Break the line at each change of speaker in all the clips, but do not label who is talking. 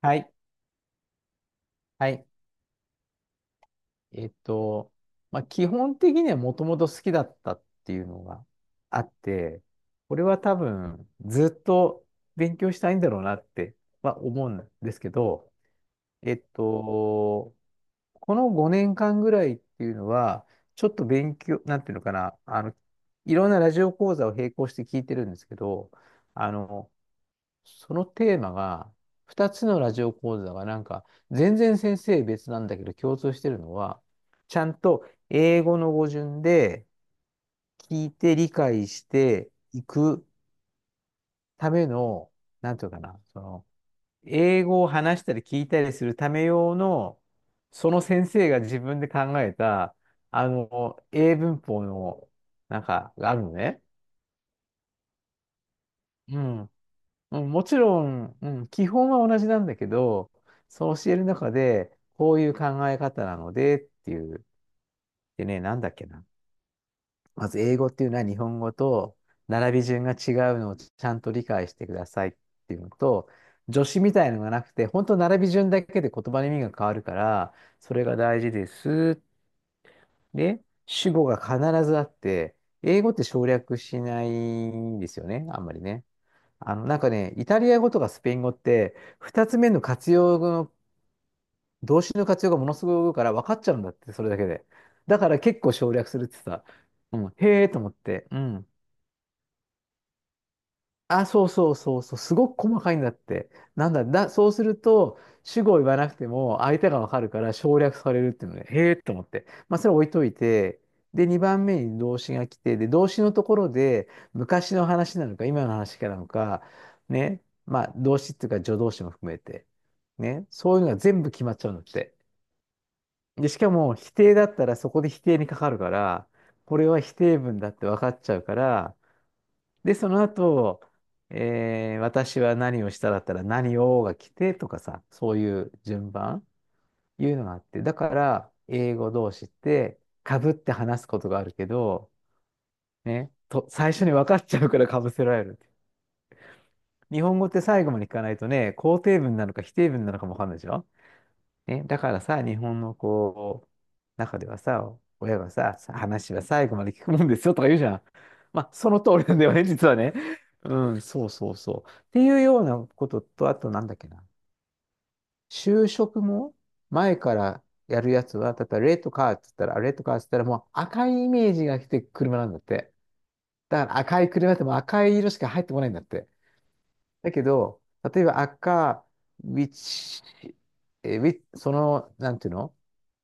はい。はい。えっと、まあ、基本的にはもともと好きだったっていうのがあって、これは多分ずっと勉強したいんだろうなっては思うんですけど、えっと、この5年間ぐらいっていうのは、ちょっと勉強、なんていうのかな、いろんなラジオ講座を並行して聞いてるんですけど、あの、そのテーマが、2つのラジオ講座がなんか、全然先生別なんだけど共通してるのは、ちゃんと英語の語順で聞いて理解していくための、なんていうかな、英語を話したり聞いたりするため用の、その先生が自分で考えた、英文法の、なんか、があるのね。うん。うんもちろん、うん、基本は同じなんだけど、そう教える中で、こういう考え方なのでっていう、でね、なんだっけな。まず英語っていうのは日本語と並び順が違うのをちゃんと理解してくださいっていうのと、助詞みたいのがなくて、本当並び順だけで言葉の意味が変わるから、それが大事です。で、主語が必ずあって、英語って省略しないんですよね、あんまりね。なんかね、イタリア語とかスペイン語って、二つ目の活用語の、動詞の活用がものすごい多いから分かっちゃうんだって、それだけで。だから結構省略するってさ、うん、へえと思って、うん。あ、そうそうそうそう、すごく細かいんだって。なんだ、だ、そうすると、主語を言わなくても相手がわかるから省略されるっていうので、へえと思って。まあ、それ置いといて、で、2番目に動詞が来て、で、動詞のところで、昔の話なのか、今の話かなのか、ね、まあ、動詞っていうか助動詞も含めて、ね、そういうのが全部決まっちゃうんだって。で、しかも、否定だったらそこで否定にかかるから、これは否定文だって分かっちゃうから、で、その後、私は何をしただったら何をが来てとかさ、そういう順番、いうのがあって、だから、英語同士って、かぶって話すことがあるけど、ね、と、最初に分かっちゃうからかぶせられる。日本語って最後まで聞かないとね、肯定文なのか否定文なのかも分かんないでしょね、だからさ、日本のこう、中ではさ、親がさ、さ話は最後まで聞くもんですよとか言うじゃん。まあ、その通りなんだよね、実はね。うん、そうそうそう。っていうようなことと、あとなんだっけな。就職も前からやるやつは、例えばレッドカーって言ったら、あレッドカーって言ったらもう赤いイメージが来て車なんだって。だから赤い車ってもう赤い色しか入ってこないんだって。だけど、例えば赤、ウィッチ、えーウィなんていうの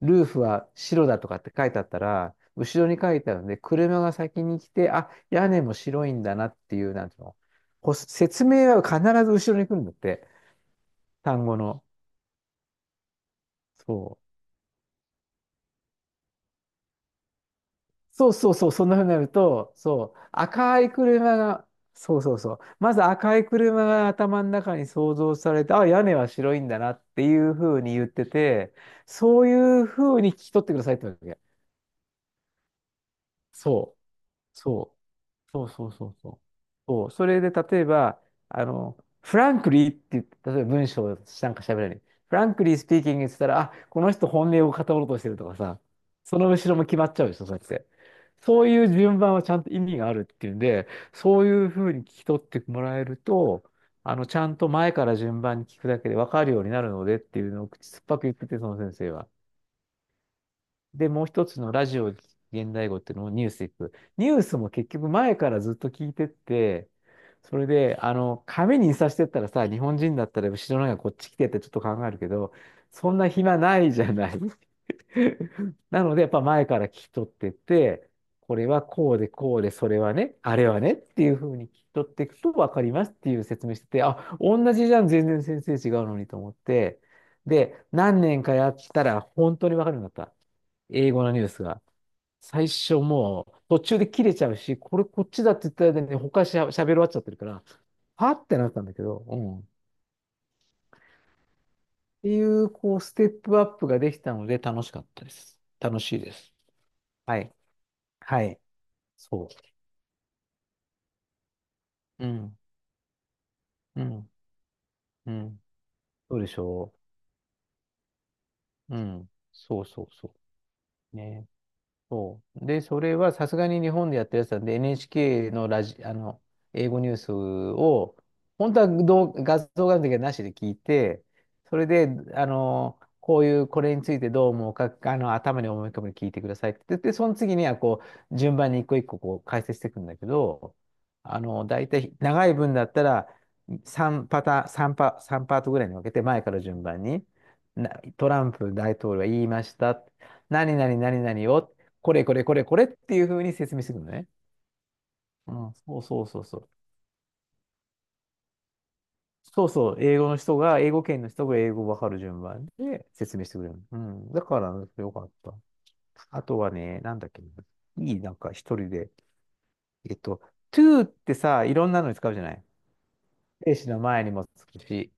ルーフは白だとかって書いてあったら、後ろに書いてあるんで、車が先に来て、あ、屋根も白いんだなっていう、なんていうのこう説明は必ず後ろに来るんだって、単語の。そう。そうそうそう、そんな風になると、そう、赤い車が、そうそうそう、まず赤い車が頭の中に想像されて、あ、屋根は白いんだなっていう風に言ってて、そういう風に聞き取ってくださいってわけ。そう。そう。そうそうそうそう。そう。それで、例えば、フランクリーって言って、例えば文章をなんか喋らない。フランクリースピーキングって言ったら、あ、この人本音を語ろうとしてるとかさ、その後ろも決まっちゃうでしょ、そうやって。そういう順番はちゃんと意味があるっていうんで、そういうふうに聞き取ってもらえると、ちゃんと前から順番に聞くだけで分かるようになるのでっていうのを口酸っぱく言ってて、その先生は。で、もう一つのラジオ現代語っていうのもニュースいく。ニュースも結局前からずっと聞いてって、それで、紙に印刷してったらさ、日本人だったら後ろの方がこっち来てってちょっと考えるけど、そんな暇ないじゃない。なので、やっぱ前から聞き取ってって、これはこうでこうで、それはね、あれはねっていうふうに聞き取っていくと分かりますっていう説明してて、あ、同じじゃん、全然先生違うのにと思って、で、何年かやったら本当に分かるようになった。英語のニュースが。最初もう途中で切れちゃうし、これこっちだって言った間に他しゃ、喋り終わっちゃってるから、はってなったんだけど、うん。っていう、こう、ステップアップができたので楽しかったです。楽しいです。はい。はい。そう。うん。うん。うん。そうでしょう。うん。そうそうそう。ねそう。で、それはさすがに日本でやってるやつなんで、NHK の英語ニュースを、本当は動画像があるだけなしで聞いて、それで、こういう、これについてどう思うか、頭に思い浮かべて聞いてくださいって言って、その次には、こう、順番に一個一個、こう、解説していくんだけど、大体、長い文だったら、3パターン、さんパ、3パートぐらいに分けて、前から順番に、なトランプ大統領は言いました。何々何々をこれこれこれこれっていう風に説明してくるのね。うん、そうそうそうそう。そうそう、英語の人が、英語圏の人が英語わかる順番で説明してくれる。うん、だから、よかった。あとはね、なんだっけ、いい、なんか一人で、えっと、to ってさ、いろんなのに使うじゃない名詞の前にもつくし、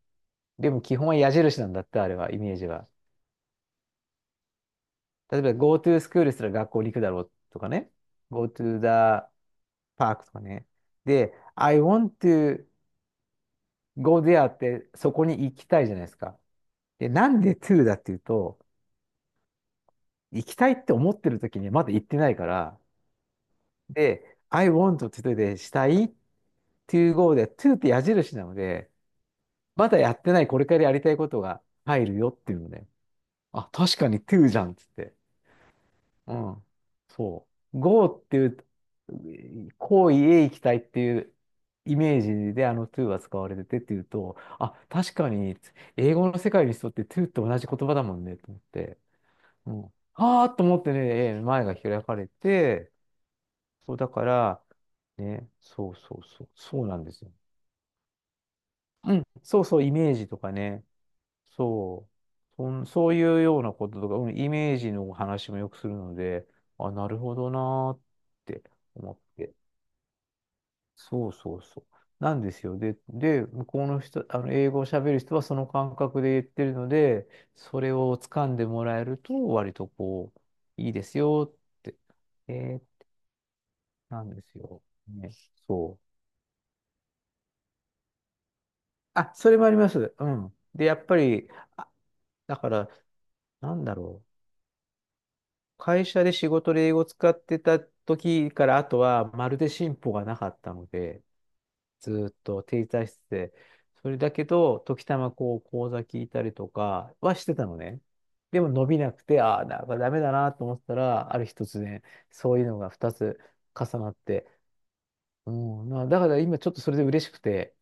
でも基本は矢印なんだって、あれは、イメージは。例えば、go to school したら学校に行くだろうとかね、go to the park とかね。で、I want to go there ってそこに行きたいじゃないですか。で、なんで to だっていうと、行きたいって思ってる時にはまだ行ってないから、で、I want to でしたい to go で to って矢印なので、まだやってないこれからやりたいことが入るよっていうので、あ、確かに to じゃんっつって。うん。そう。Go っていう、行為へ行きたいっていうイメージであの to は使われててっていうと、あ、確かに英語の世界にとって to と同じ言葉だもんねと思って、うん。ああと思ってね、前が開かれて、そうだから、ね、そうそうそう、そうなんですよ。うん、そうそう、イメージとかね、そう。そういうようなこととか、うん、イメージの話もよくするので、あ、なるほどなーって思って。そうそうそう。なんですよ。で、向こうの人、あの、英語を喋る人はその感覚で言ってるので、それを掴んでもらえると、割とこう、いいですよって、えーなんですよ。ね、そう。あ、それもあります。うん。で、やっぱり、あ、だから、なんだろう。会社で仕事で英語を使ってた時から、あとはまるで進歩がなかったので、ずーっと停滞してて、それだけど、時たまこう講座聞いたりとかはしてたのね。でも伸びなくて、ああ、なんかダメだなと思ったら、ある日突然、そういうのが二つ重なって、うん、なだから今ちょっとそれで嬉しくて、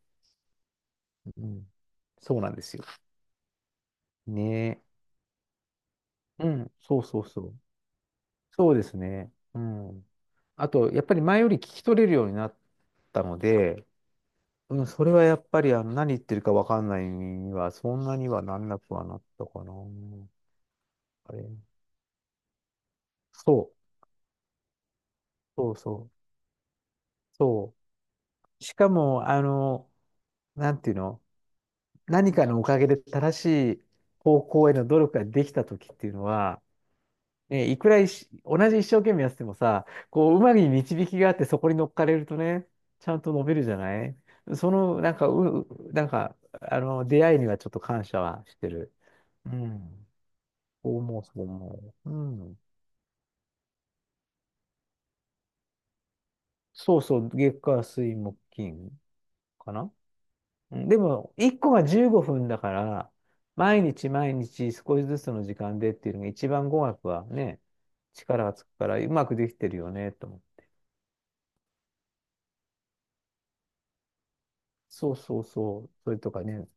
うん、そうなんですよ。ねえ。うん、そうそうそう。そうですね。うん。あと、やっぱり前より聞き取れるようになったので、うん、それはやっぱりあの何言ってるかわかんないには、そんなにはなんなくはなったかな。あれ。そう、そうそう、そう。しかも、あの、なんていうの、何かのおかげで正しい方向への努力ができた時っていうのは、ね、いくらいし同じ一生懸命やっててもさ、こう、うまく導きがあってそこに乗っかれるとね、ちゃんと伸びるじゃないその、なんか、あの、出会いにはちょっと感謝はしてる。うん。そう思う、そう思う。うん。そうそう、月火水木金かな。うんでも、1個が15分だから、毎日毎日少しずつの時間でっていうのが一番語学はね、力がつくから、うまくできてるよね、と思う。そうそうそう。それとかね、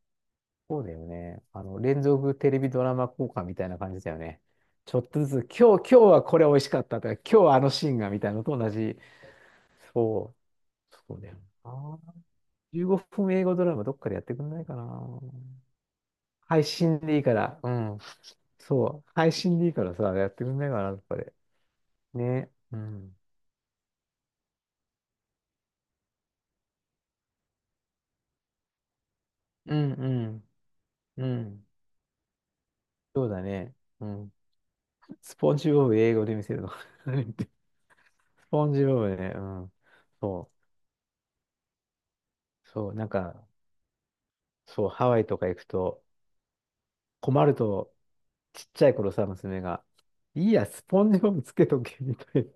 そうだよね。あの、連続テレビドラマ効果みたいな感じだよね。ちょっとずつ、今日はこれ美味しかったとか、今日はあのシーンがみたいなのと同じ。そう。そうだよな。15分英語ドラマどっかでやってくんないかな。配信でいいから。うん。そう。配信でいいからさ、やってくんないかな、どっかで。ね。うん。うんうん。うん。そうだね。うん。スポンジボブ英語で見せるの。何言ってスポンジボブね。うん。そう。そう。なんか、そう、ハワイとか行くと、困ると、ちっちゃい頃さ、娘が、いいや、スポンジボブつけとけ、みたいな。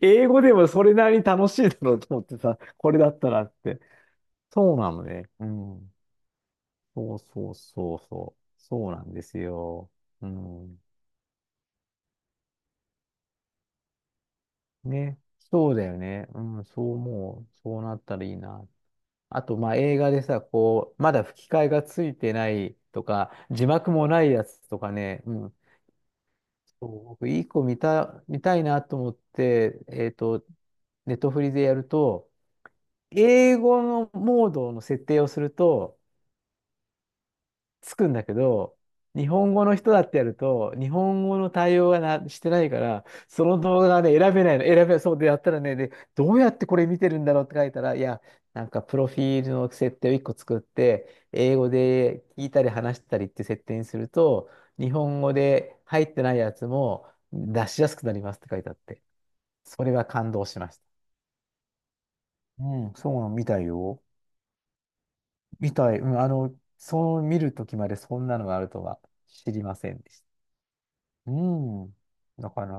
英語でもそれなりに楽しいだろうと思ってさ、これだったらって。そうなのね。うん。そうそうそうそう。そうなんですよ。うん。ね。そうだよね。うん。そう思う。そうなったらいいな。あと、まあ、映画でさ、こう、まだ吹き替えがついてないとか、字幕もないやつとかね。うん。そう、僕、いい子見た、見たいなと思って、ネットフリでやると、英語のモードの設定をすると、つくんだけど、日本語の人だってやると、日本語の対応がなしてないから、その動画がね、選べないの、選べ、そうでやったらね、で、どうやってこれ見てるんだろうって書いたら、いや、なんかプロフィールの設定を1個作って、英語で聞いたり話したりって設定にすると、日本語で入ってないやつも出しやすくなりますって書いてあって、それは感動しました。うん、そうなの、見たいよ。見たい。うん、あの、そう見るときまでそんなのがあるとは知りませんでした。うん。なかな